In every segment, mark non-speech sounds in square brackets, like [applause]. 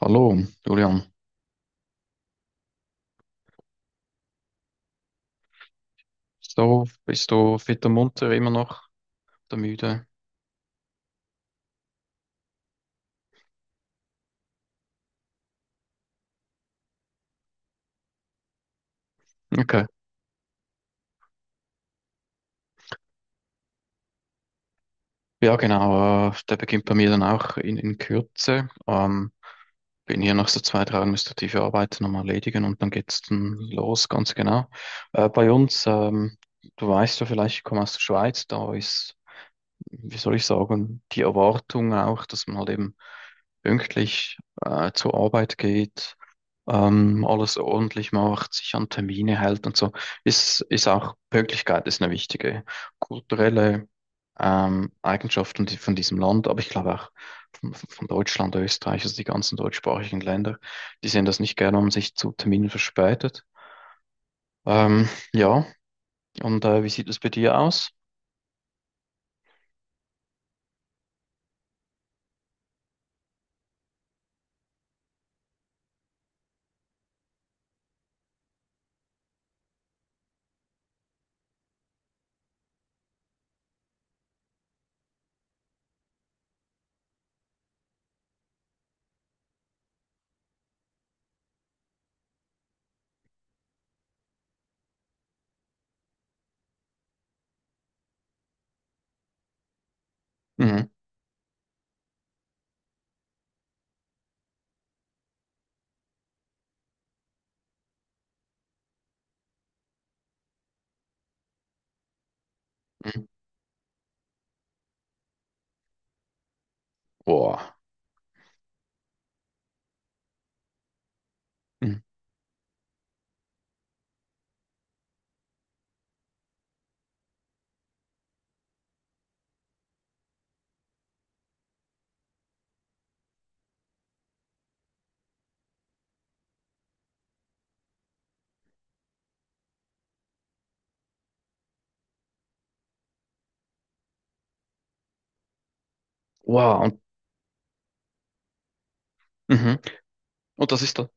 Hallo, Julian. So, bist du fit und munter, immer noch der müde? Okay. Ja, genau. Der beginnt bei mir dann auch in Kürze. Bin hier noch so zwei, drei administrative Arbeiten nochmal erledigen und dann geht's dann los, ganz genau. Bei uns, du weißt ja vielleicht, ich komme aus der Schweiz, da ist, wie soll ich sagen, die Erwartung auch, dass man halt eben pünktlich zur Arbeit geht, alles ordentlich macht, sich an Termine hält und so, ist auch Pünktlichkeit ist eine wichtige kulturelle Eigenschaft von, von diesem Land, aber ich glaube auch von Deutschland, Österreich, also die ganzen deutschsprachigen Länder, die sehen das nicht gerne, wenn man sich zu Terminen verspätet. Ähm, ja, Wie sieht es bei dir aus? Mhm. Mhm. Boah. Mhm. Wow. Und, mhm. Und das ist da,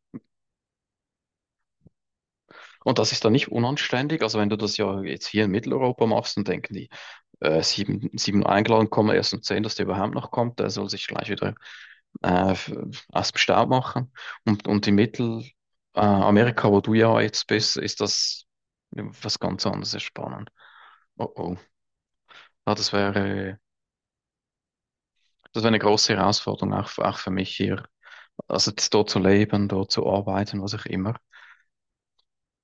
und das ist da nicht unanständig. Also wenn du das ja jetzt hier in Mitteleuropa machst, dann denken die, sieben eingeladen, kann man erst um zehn dass der überhaupt noch kommt. Der soll sich gleich wieder äh, f- aus dem Staub machen. Und in Mittelamerika, Amerika, wo du ja jetzt bist, ist das was ganz anderes, ist spannend. Oh oh. Ja, das wäre eine große Herausforderung, auch, auch für mich hier. Also jetzt dort zu leben, dort zu arbeiten, was auch immer.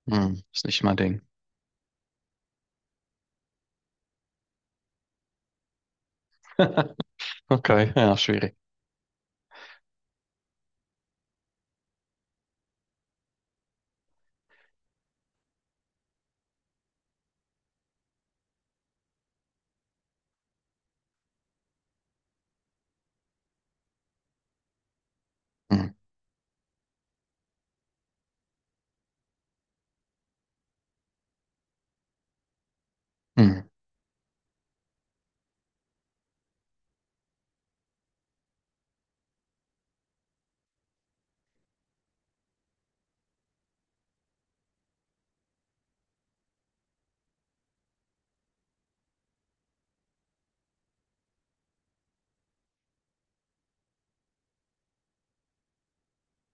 Hm, ist nicht mein Ding. [laughs] Okay, ja, schwierig. Hm, hm.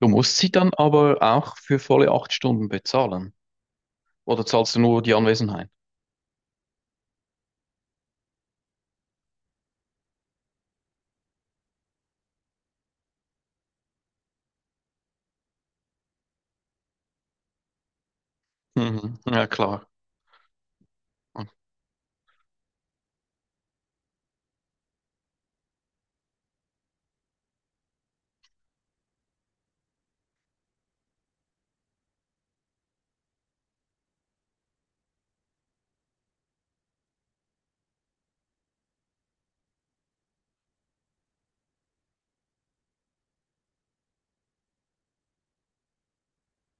Du musst sie dann aber auch für volle 8 Stunden bezahlen. Oder zahlst du nur die Anwesenheit? Mhm. Ja, klar.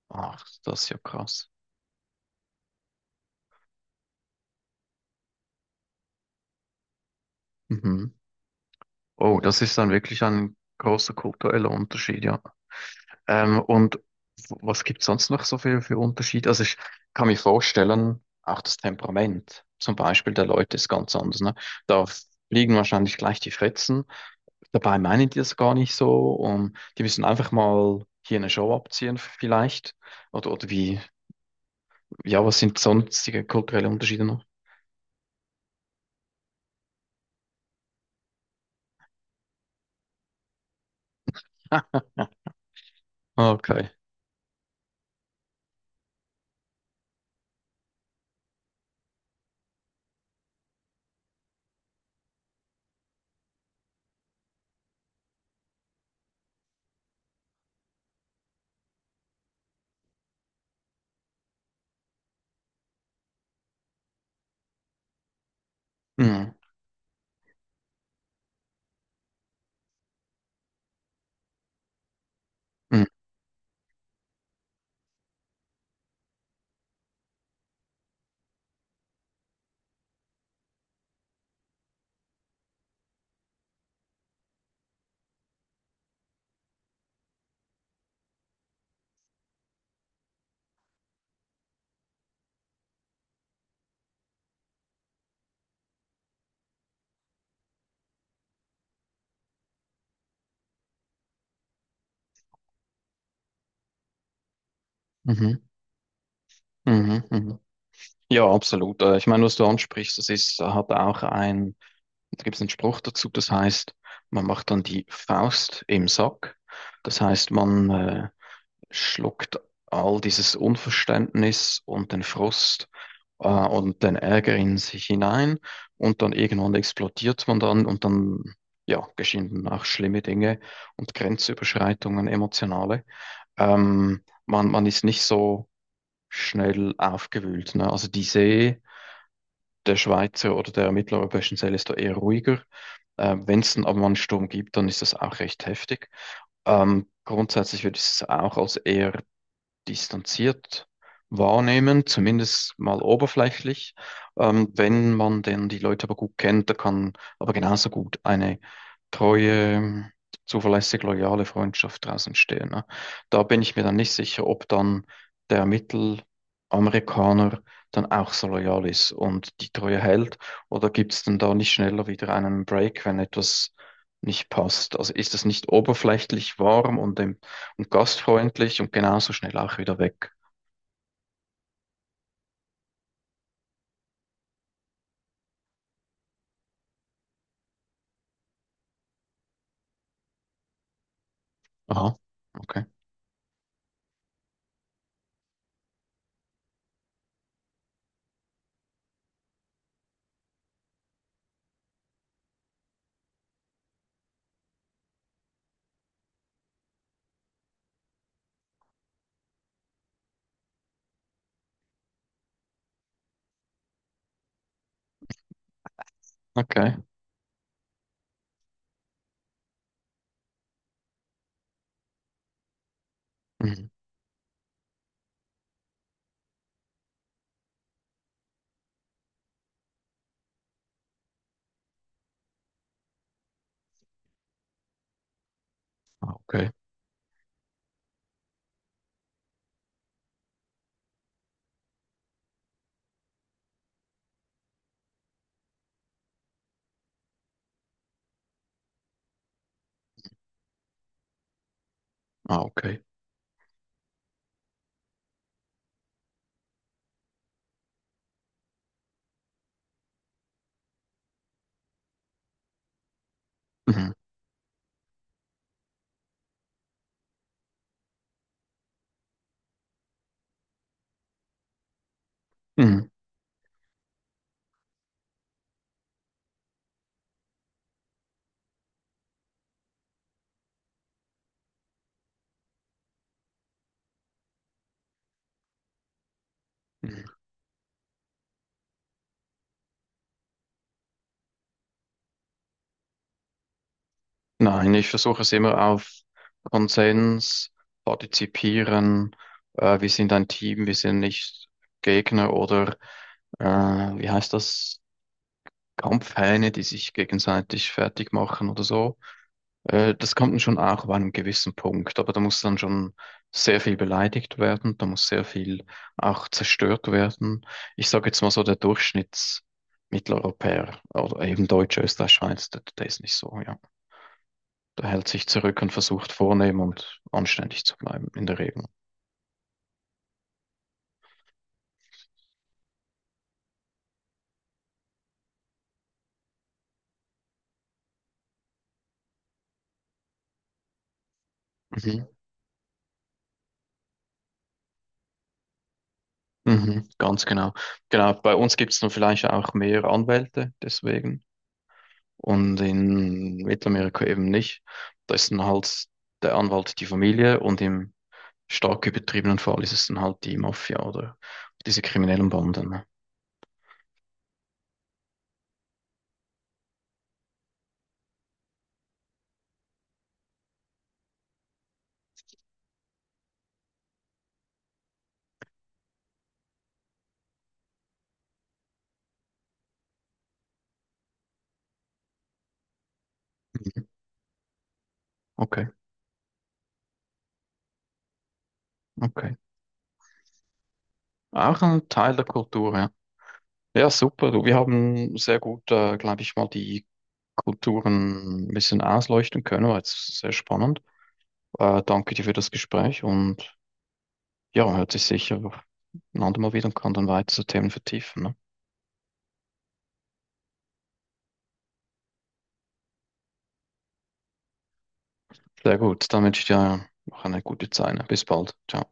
Ach, das ist ja krass. Mhm. Oh, das ist dann wirklich ein großer kultureller Unterschied, ja. Ähm, und Was gibt es sonst noch so viel für Unterschiede? Also ich kann mir vorstellen, auch das Temperament zum Beispiel der Leute ist ganz anders, ne? Da fliegen wahrscheinlich gleich die Fetzen. Dabei meinen die das gar nicht so. Und die müssen einfach mal hier eine Show abziehen vielleicht. Oder, oder wie, ja, was sind sonstige kulturelle Unterschiede noch? [laughs] Okay. Mhm. Mhm. Mhm. Mhm. Mhm. Ja, absolut. Ich meine, was du ansprichst, hat auch ein, da gibt es einen Spruch dazu, das heißt, man macht dann die Faust im Sack. Das heißt, man schluckt all dieses Unverständnis und den Frust und den Ärger in sich hinein und dann irgendwann explodiert man ja, geschehen dann auch schlimme Dinge und Grenzüberschreitungen, emotionale. Man ist nicht so schnell aufgewühlt. Ne? Also die See der Schweizer oder der mitteleuropäischen See ist da eher ruhiger. Wenn es dann aber mal einen Sturm gibt, dann ist das auch recht heftig. Grundsätzlich würde ich es auch als eher distanziert wahrnehmen, zumindest mal oberflächlich. Wenn man denn die Leute aber gut kennt, da kann aber genauso gut eine treue, zuverlässig loyale Freundschaft draus entstehen. Ne? Da bin ich mir dann nicht sicher, ob dann der Mittelamerikaner dann auch so loyal ist und die Treue hält oder gibt es denn da nicht schneller wieder einen Break, wenn etwas nicht passt? Also ist das nicht oberflächlich warm und dem und gastfreundlich und genauso schnell auch wieder weg. Aha, okay, okay, mhm. Ah, okay, ah, okay. Mhm. Mhm. Mhm. Nein, ich versuche es immer auf Konsens, partizipieren, wir sind ein Team, wir sind nicht Gegner oder wie heißt das? Kampfhähne, die sich gegenseitig fertig machen oder so. Das kommt dann schon auch bei einem gewissen Punkt, aber da muss dann schon sehr viel beleidigt werden, da muss sehr viel auch zerstört werden. Ich sage jetzt mal so, der Durchschnittsmitteleuropäer oder eben Deutsche, Österreich, Schweiz, der ist nicht so, ja. Der hält sich zurück und versucht vornehm und anständig zu bleiben, in der Regel. Mhm. Mhm, ganz genau. Genau, bei uns gibt es dann vielleicht auch mehr Anwälte deswegen und in Mittelamerika eben nicht. Da ist dann halt der Anwalt die Familie und im stark übertrieben und vor allem ist es dann halt die Mafia oder diese kriminellen Banden, ne? Mhm. Okay, okay. Auch ein Teil der Kultur, ja. Ja, super. Du, wir haben sehr gut, glaube ich, mal die Kulturen ein bisschen ausleuchten können. War jetzt sehr spannend. Danke dir für das Gespräch und ja, hört sich sicher ein andermal wieder und kann dann weitere Themen vertiefen. Ne? Sehr gut. Dann wünsche ich dir noch eine gute Zeit. Ne? Bis bald. Ciao.